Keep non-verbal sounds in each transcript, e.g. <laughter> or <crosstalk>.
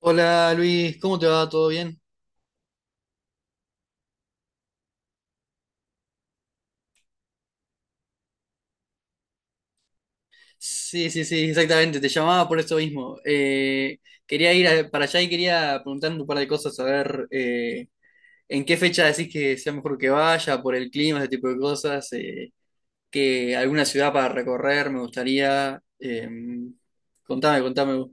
Hola Luis, ¿cómo te va? ¿Todo bien? Sí, sí, sí, exactamente, te llamaba por eso mismo. Quería para allá y quería preguntar un par de cosas, a ver, ¿en qué fecha decís que sea mejor que vaya, por el clima, ese tipo de cosas? Que alguna ciudad para recorrer me gustaría. Contame, contame.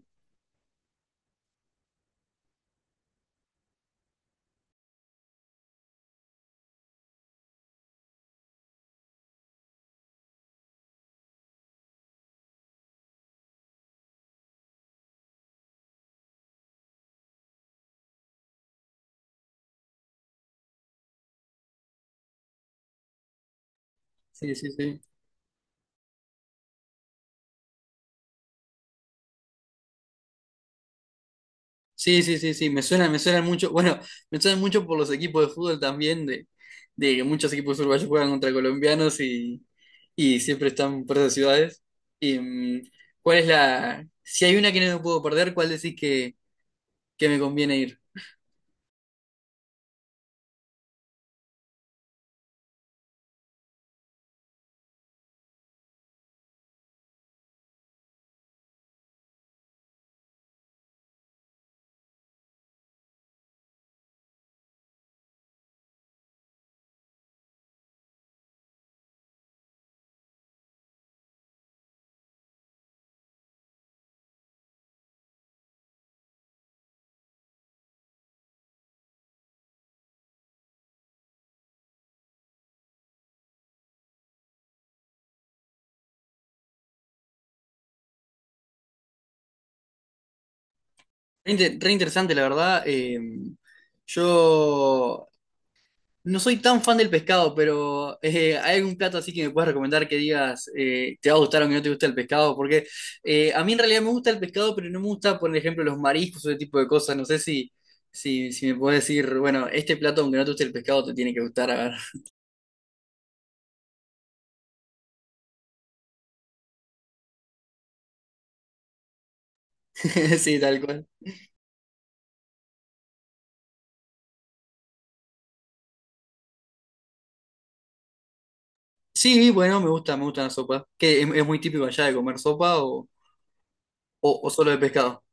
Sí, sí, sí. Sí, sí, sí, sí, me suena mucho. Bueno, me suena mucho por los equipos de fútbol también, de que muchos equipos uruguayos juegan contra colombianos, y siempre están por esas ciudades. Y ¿cuál es la, si hay una que no me puedo perder, cuál decís que me conviene ir? Re interesante, la verdad. Yo No soy tan fan del pescado, pero ¿hay algún plato así que me puedas recomendar que digas, te va a gustar, o que no te gusta el pescado? Porque a mí en realidad me gusta el pescado, pero no me gusta, por ejemplo, los mariscos o ese tipo de cosas. No sé si me puedes decir, bueno, este plato, aunque no te guste el pescado, te tiene que gustar. A ver, <laughs> sí, tal cual. Sí, bueno, me gusta la sopa. ¿Qué, es muy típico allá de comer sopa, o solo de pescado?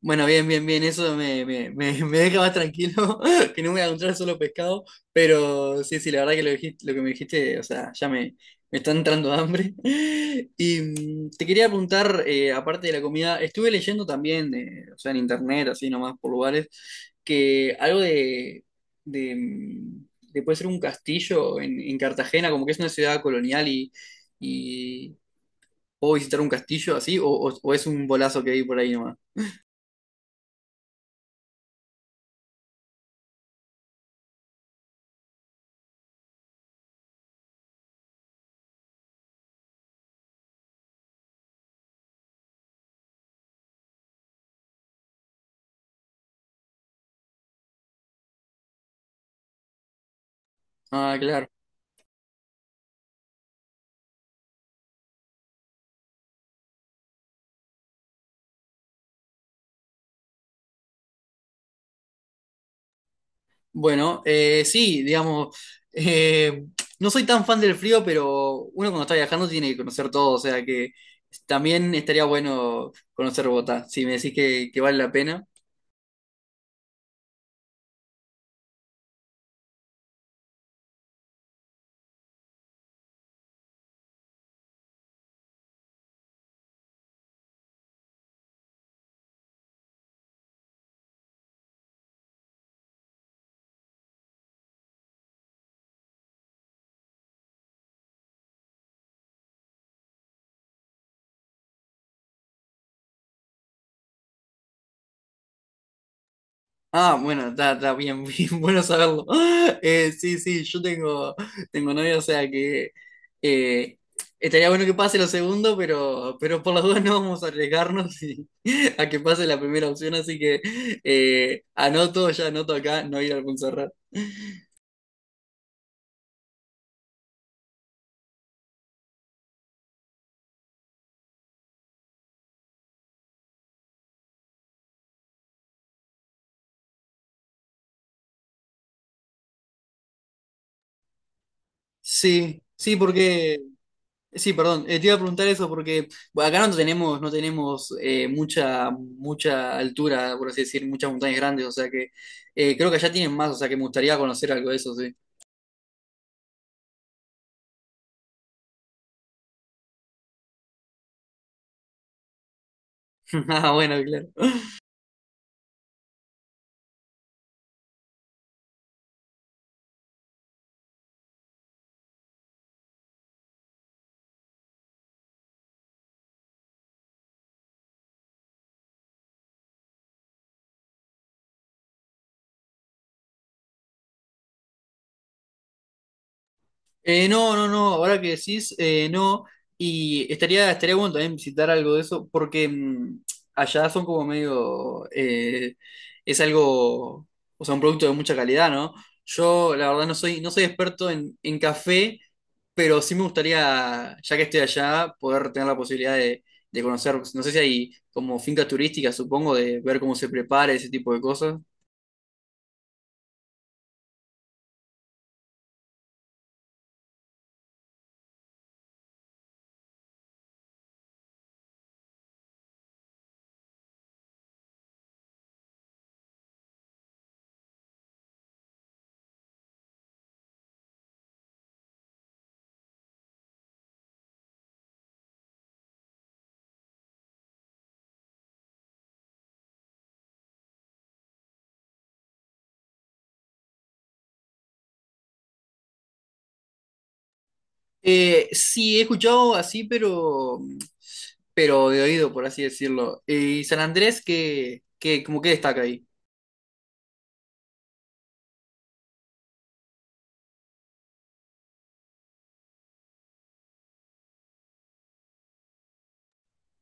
Bueno, bien, bien, bien, eso me, <laughs> me deja más tranquilo, <laughs> que no me voy a encontrar solo pescado, pero sí, sí, la verdad que lo que me dijiste, o sea, ya me está entrando hambre. <laughs> Y te quería preguntar, aparte de la comida, estuve leyendo también, o sea, en internet, así nomás por lugares, que algo de, mm, de, puede ser un castillo en Cartagena, como que es una ciudad colonial, y puedo visitar un castillo así, o es un bolazo que hay por ahí nomás. Ah, claro. Bueno, sí, digamos, eh, no soy tan fan del frío, pero uno cuando está viajando tiene que conocer todo, o sea que también estaría bueno conocer Bogotá, si me decís que vale la pena. Ah, bueno, está, está bien, <laughs> bien, bueno saberlo. Sí, sí, yo tengo, tengo novia, o sea que eh, estaría bueno que pase lo segundo, pero por las dudas no vamos a arriesgarnos <laughs> a que pase la primera opción, así que anoto, ya anoto acá, no ir al Montserrat. Sí, sí, porque, sí, perdón, te iba a preguntar eso porque bueno, acá no tenemos, no tenemos mucha, mucha altura, por así decir, muchas montañas grandes, o sea que creo que allá tienen más, o sea que me gustaría conocer algo de eso, sí. <laughs> Ah, bueno, claro. No, no, no, ahora que decís, no, y estaría, estaría bueno también visitar algo de eso, porque allá son como medio, es algo, o sea, un producto de mucha calidad, ¿no? Yo, la verdad, no soy, no soy experto en café, pero sí me gustaría, ya que estoy allá, poder tener la posibilidad de conocer. No sé si hay como fincas turísticas, supongo, de ver cómo se prepara ese tipo de cosas. Sí, he escuchado así, pero de oído, por así decirlo. ¿Y San Andrés qué, qué, como que destaca ahí?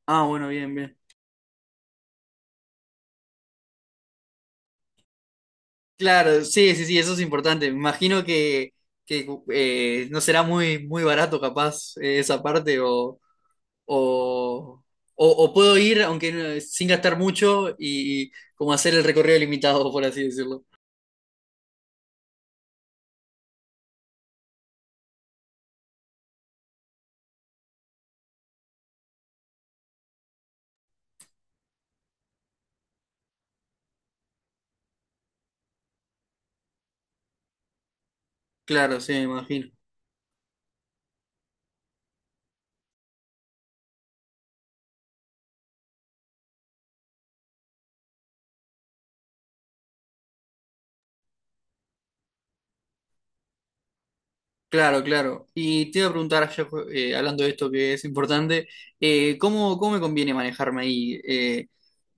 Ah, bueno, bien, bien. Claro, sí, sí, sí, eso es importante. Me imagino que no será muy, muy barato capaz, esa parte, o, o puedo ir, aunque no- sin gastar mucho, y como hacer el recorrido limitado, por así decirlo. Claro, sí, me imagino. Claro, claro. Y te iba a preguntar, ya, hablando de esto que es importante, ¿cómo, cómo me conviene manejarme ahí?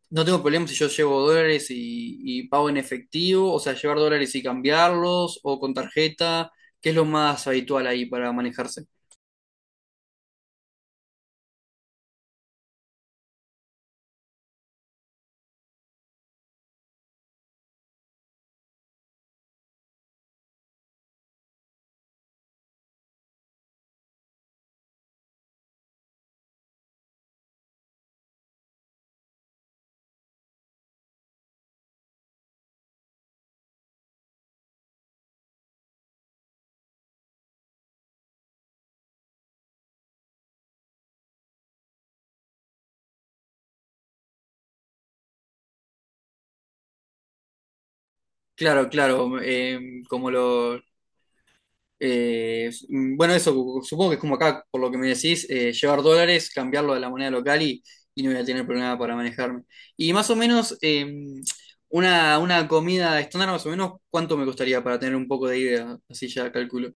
No tengo problema si yo llevo dólares y pago en efectivo, o sea, llevar dólares y cambiarlos, o con tarjeta. ¿Qué es lo más habitual ahí para manejarse? Claro, claro, como lo, eh, mm, bueno, eso supongo que es como acá, por lo que me decís, llevar dólares, cambiarlo a la moneda local, y no voy a tener problema para manejarme. Y más o menos, una comida estándar, más o menos, ¿cuánto me costaría para tener un poco de idea? Así ya calculo.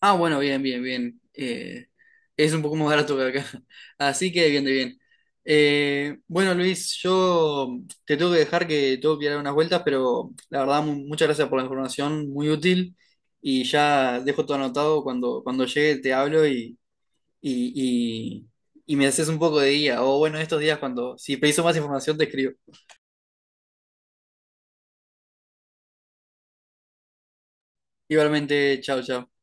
Ah, bueno, bien, bien, bien. Es un poco más barato que acá. <laughs> Así que bien, de bien. Bueno, Luis, yo te tengo que dejar que tengo que ir a dar unas vueltas, pero la verdad, muchas gracias por la información, muy útil. Y ya dejo todo anotado. Cuando, cuando llegue te hablo, y, y, y me haces un poco de guía. O bueno, estos días cuando, si preciso más información, te escribo. Igualmente, chao, chao.